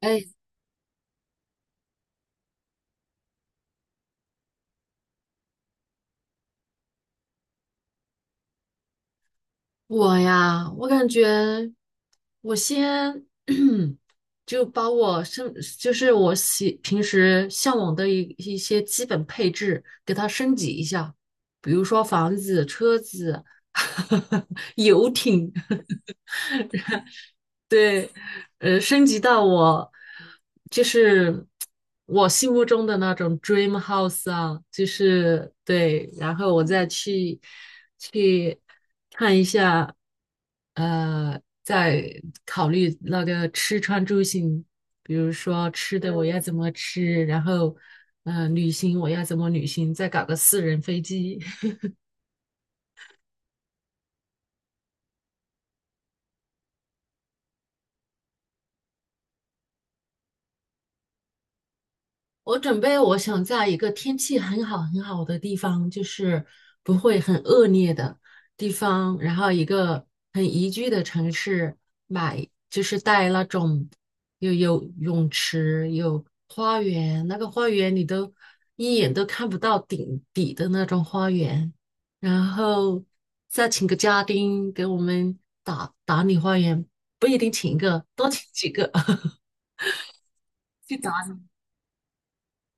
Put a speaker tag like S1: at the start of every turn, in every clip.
S1: 哎，我呀，我感觉我先 就把我升，就是我平时向往的一些基本配置给它升级一下，比如说房子、车子、游艇。对，升级到我就是我心目中的那种 dream house 啊，就是对，然后我再去看一下，再考虑那个吃穿住行，比如说吃的我要怎么吃，然后旅行我要怎么旅行，再搞个私人飞机，我准备，我想在一个天气很好很好的地方，就是不会很恶劣的地方，然后一个很宜居的城市买，就是带那种有泳池、有花园，那个花园你都一眼都看不到顶底的那种花园，然后再请个家丁给我们打打理花园，不一定请一个，多请几个 去打理。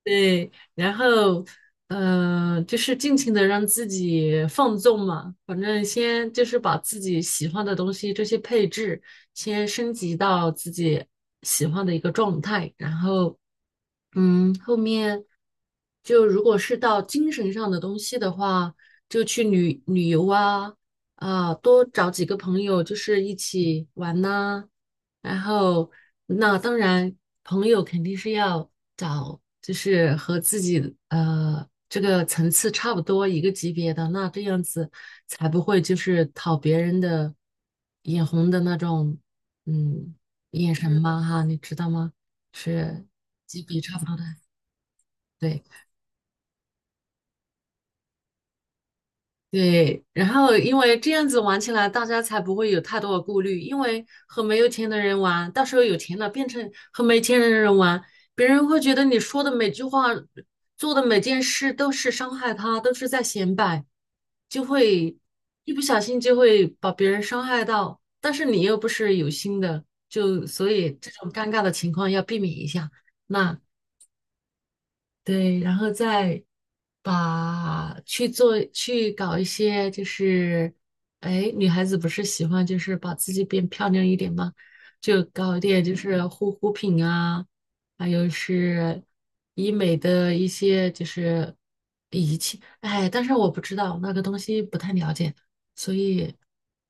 S1: 对，然后嗯，就是尽情的让自己放纵嘛，反正先就是把自己喜欢的东西这些配置先升级到自己喜欢的一个状态，然后嗯，后面就如果是到精神上的东西的话，就去旅游啊，多找几个朋友就是一起玩呐、然后，那当然，朋友肯定是要找，就是和自己这个层次差不多一个级别的，那这样子才不会就是讨别人的眼红的那种，嗯，眼神嘛哈，你知道吗？是级别差不多的，对。对，然后因为这样子玩起来，大家才不会有太多的顾虑。因为和没有钱的人玩，到时候有钱了变成和没钱的人玩，别人会觉得你说的每句话、做的每件事都是伤害他，都是在显摆，就会一不小心就会把别人伤害到。但是你又不是有心的，就所以这种尴尬的情况要避免一下。那对，然后再把去搞一些，就是哎，女孩子不是喜欢就是把自己变漂亮一点吗？就搞一点就是护肤品啊，还有是医美的一些就是仪器，哎，但是我不知道那个东西不太了解，所以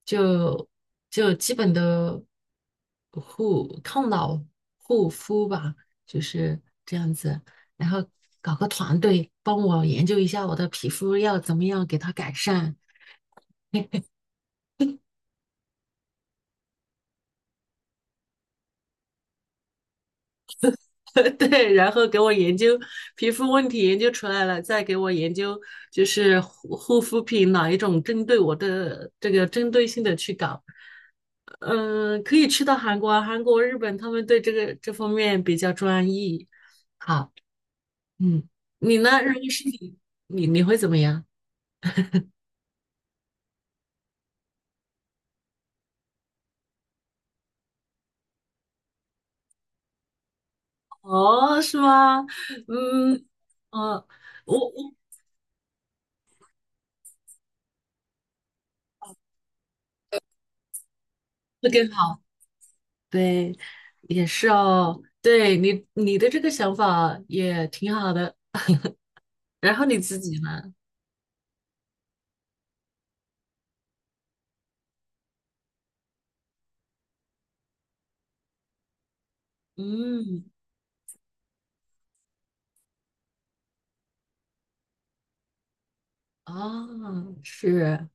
S1: 就就基本的抗老护肤吧，就是这样子。然后搞个团队帮我研究一下我的皮肤要怎么样给它改善，对，然后给我研究皮肤问题研究出来了，再给我研究就是护肤品哪一种针对我的这个针对性的去搞，嗯，可以去到韩国、日本，他们对这方面比较专一。好，嗯，你呢？如果是你，你会怎么样？哦，是吗？嗯，哦，我会更好。对，也是哦。对你，你的这个想法也挺好的。然后你自己呢？嗯，哦，是。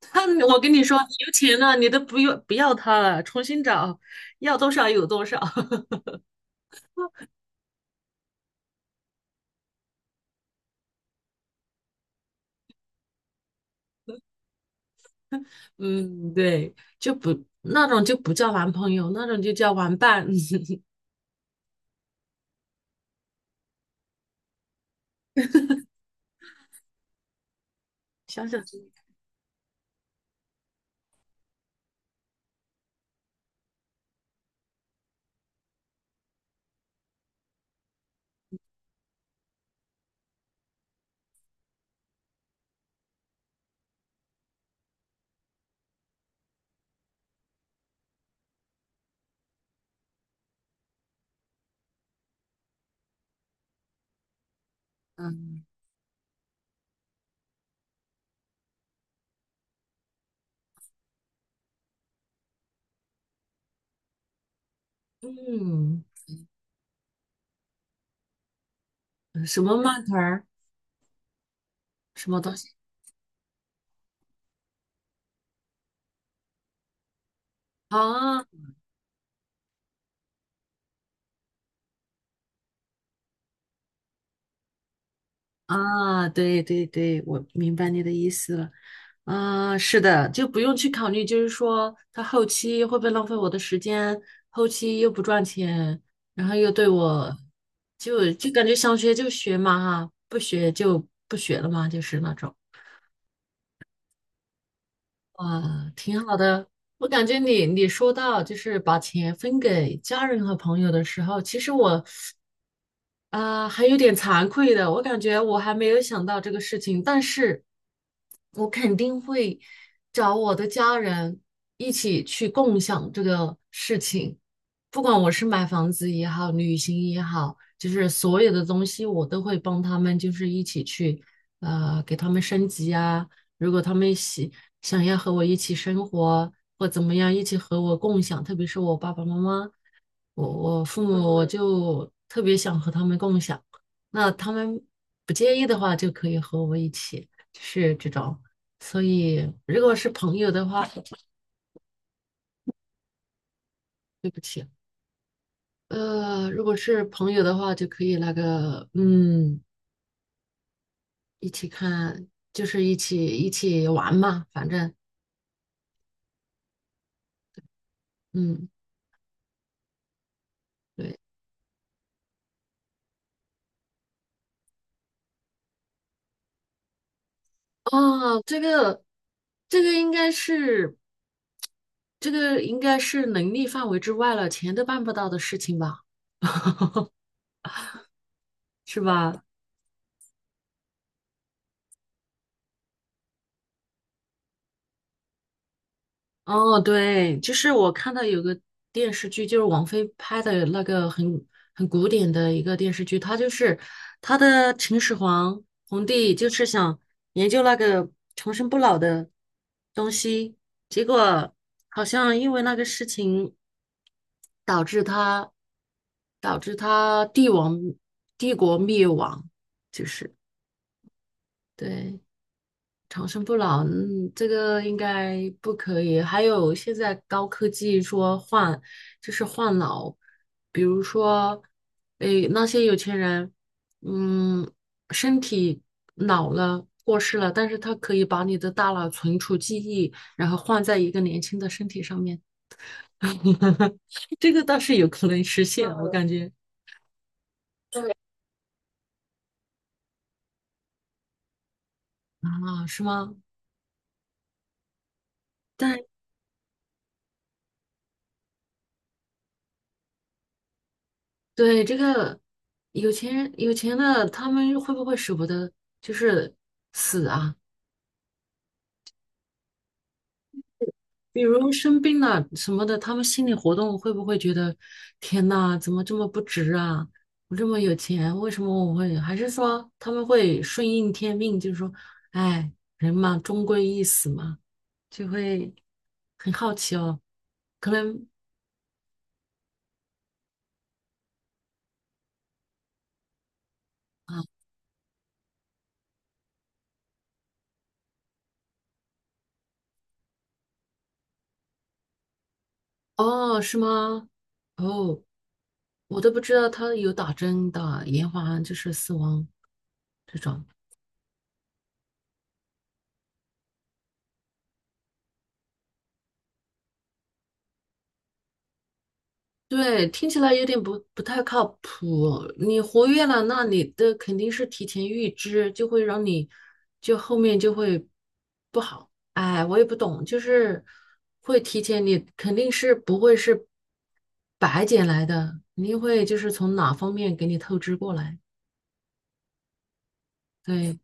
S1: 他，我跟你说，你有钱了，你都不要他了，重新找，要多少有多少。嗯，对，就不那种就不叫男朋友，那种就叫玩伴。想想真嗯嗯，什么慢团儿，什么东西啊？哦啊，对对对，我明白你的意思了。啊，是的，就不用去考虑，就是说他后期会不会浪费我的时间，后期又不赚钱，然后又对我，就感觉想学就学嘛哈，不学就不学了嘛，就是那种。啊，挺好的。我感觉你说到就是把钱分给家人和朋友的时候，其实我啊，还有点惭愧的，我感觉我还没有想到这个事情，但是我肯定会找我的家人一起去共享这个事情，不管我是买房子也好，旅行也好，就是所有的东西我都会帮他们，就是一起去，给他们升级啊。如果他们想要和我一起生活或怎么样，一起和我共享，特别是我爸爸妈妈，我我父母，我就特别想和他们共享。那他们不介意的话，就可以和我一起，就是这种。所以，如果是朋友的话，对不起，如果是朋友的话，就可以那个，嗯，一起看，就是一起玩嘛，反正，嗯。对。啊，这个应该是这个应该是能力范围之外了，钱都办不到的事情吧，是吧？哦，对，就是我看到有个电视剧，就是王菲拍的那个很古典的一个电视剧，它就是它的秦始皇皇帝就是想研究那个长生不老的东西，结果好像因为那个事情。导致他导致他帝国灭亡，就是对长生不老，嗯，这个应该不可以。还有现在高科技说换就是换脑，比如说，诶，那些有钱人，嗯，身体老了。过世了，但是他可以把你的大脑存储记忆，然后换在一个年轻的身体上面，这个倒是有可能实现，我感觉。对，啊，是吗？但对这个有钱人，有钱的他们会不会舍不得就是死啊？比如生病了什么的，他们心理活动会不会觉得天呐，怎么这么不值啊？我这么有钱，为什么我会？还是说他们会顺应天命，就是说，哎，人嘛，终归一死嘛，就会很好奇哦。可能啊，哦，是吗？哦。我都不知道他有打针的，延缓就是死亡这种。对，听起来有点不太靠谱。你活跃了，那你的肯定是提前预知，就会让你就后面就会不好。哎，我也不懂，就是会提前，你肯定是不会是白捡来的，肯定会就是从哪方面给你透支过来。对，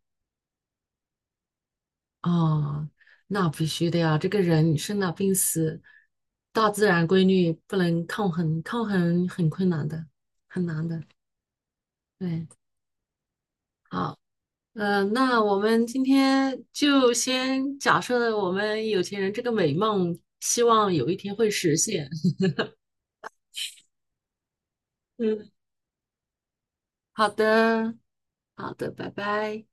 S1: 哦，那必须的呀！这个人生老病死，大自然规律不能抗衡，抗衡很困难的，很难的。对，好，那我们今天就先假设我们有钱人这个美梦，希望有一天会实现。嗯，好的，好的，拜拜。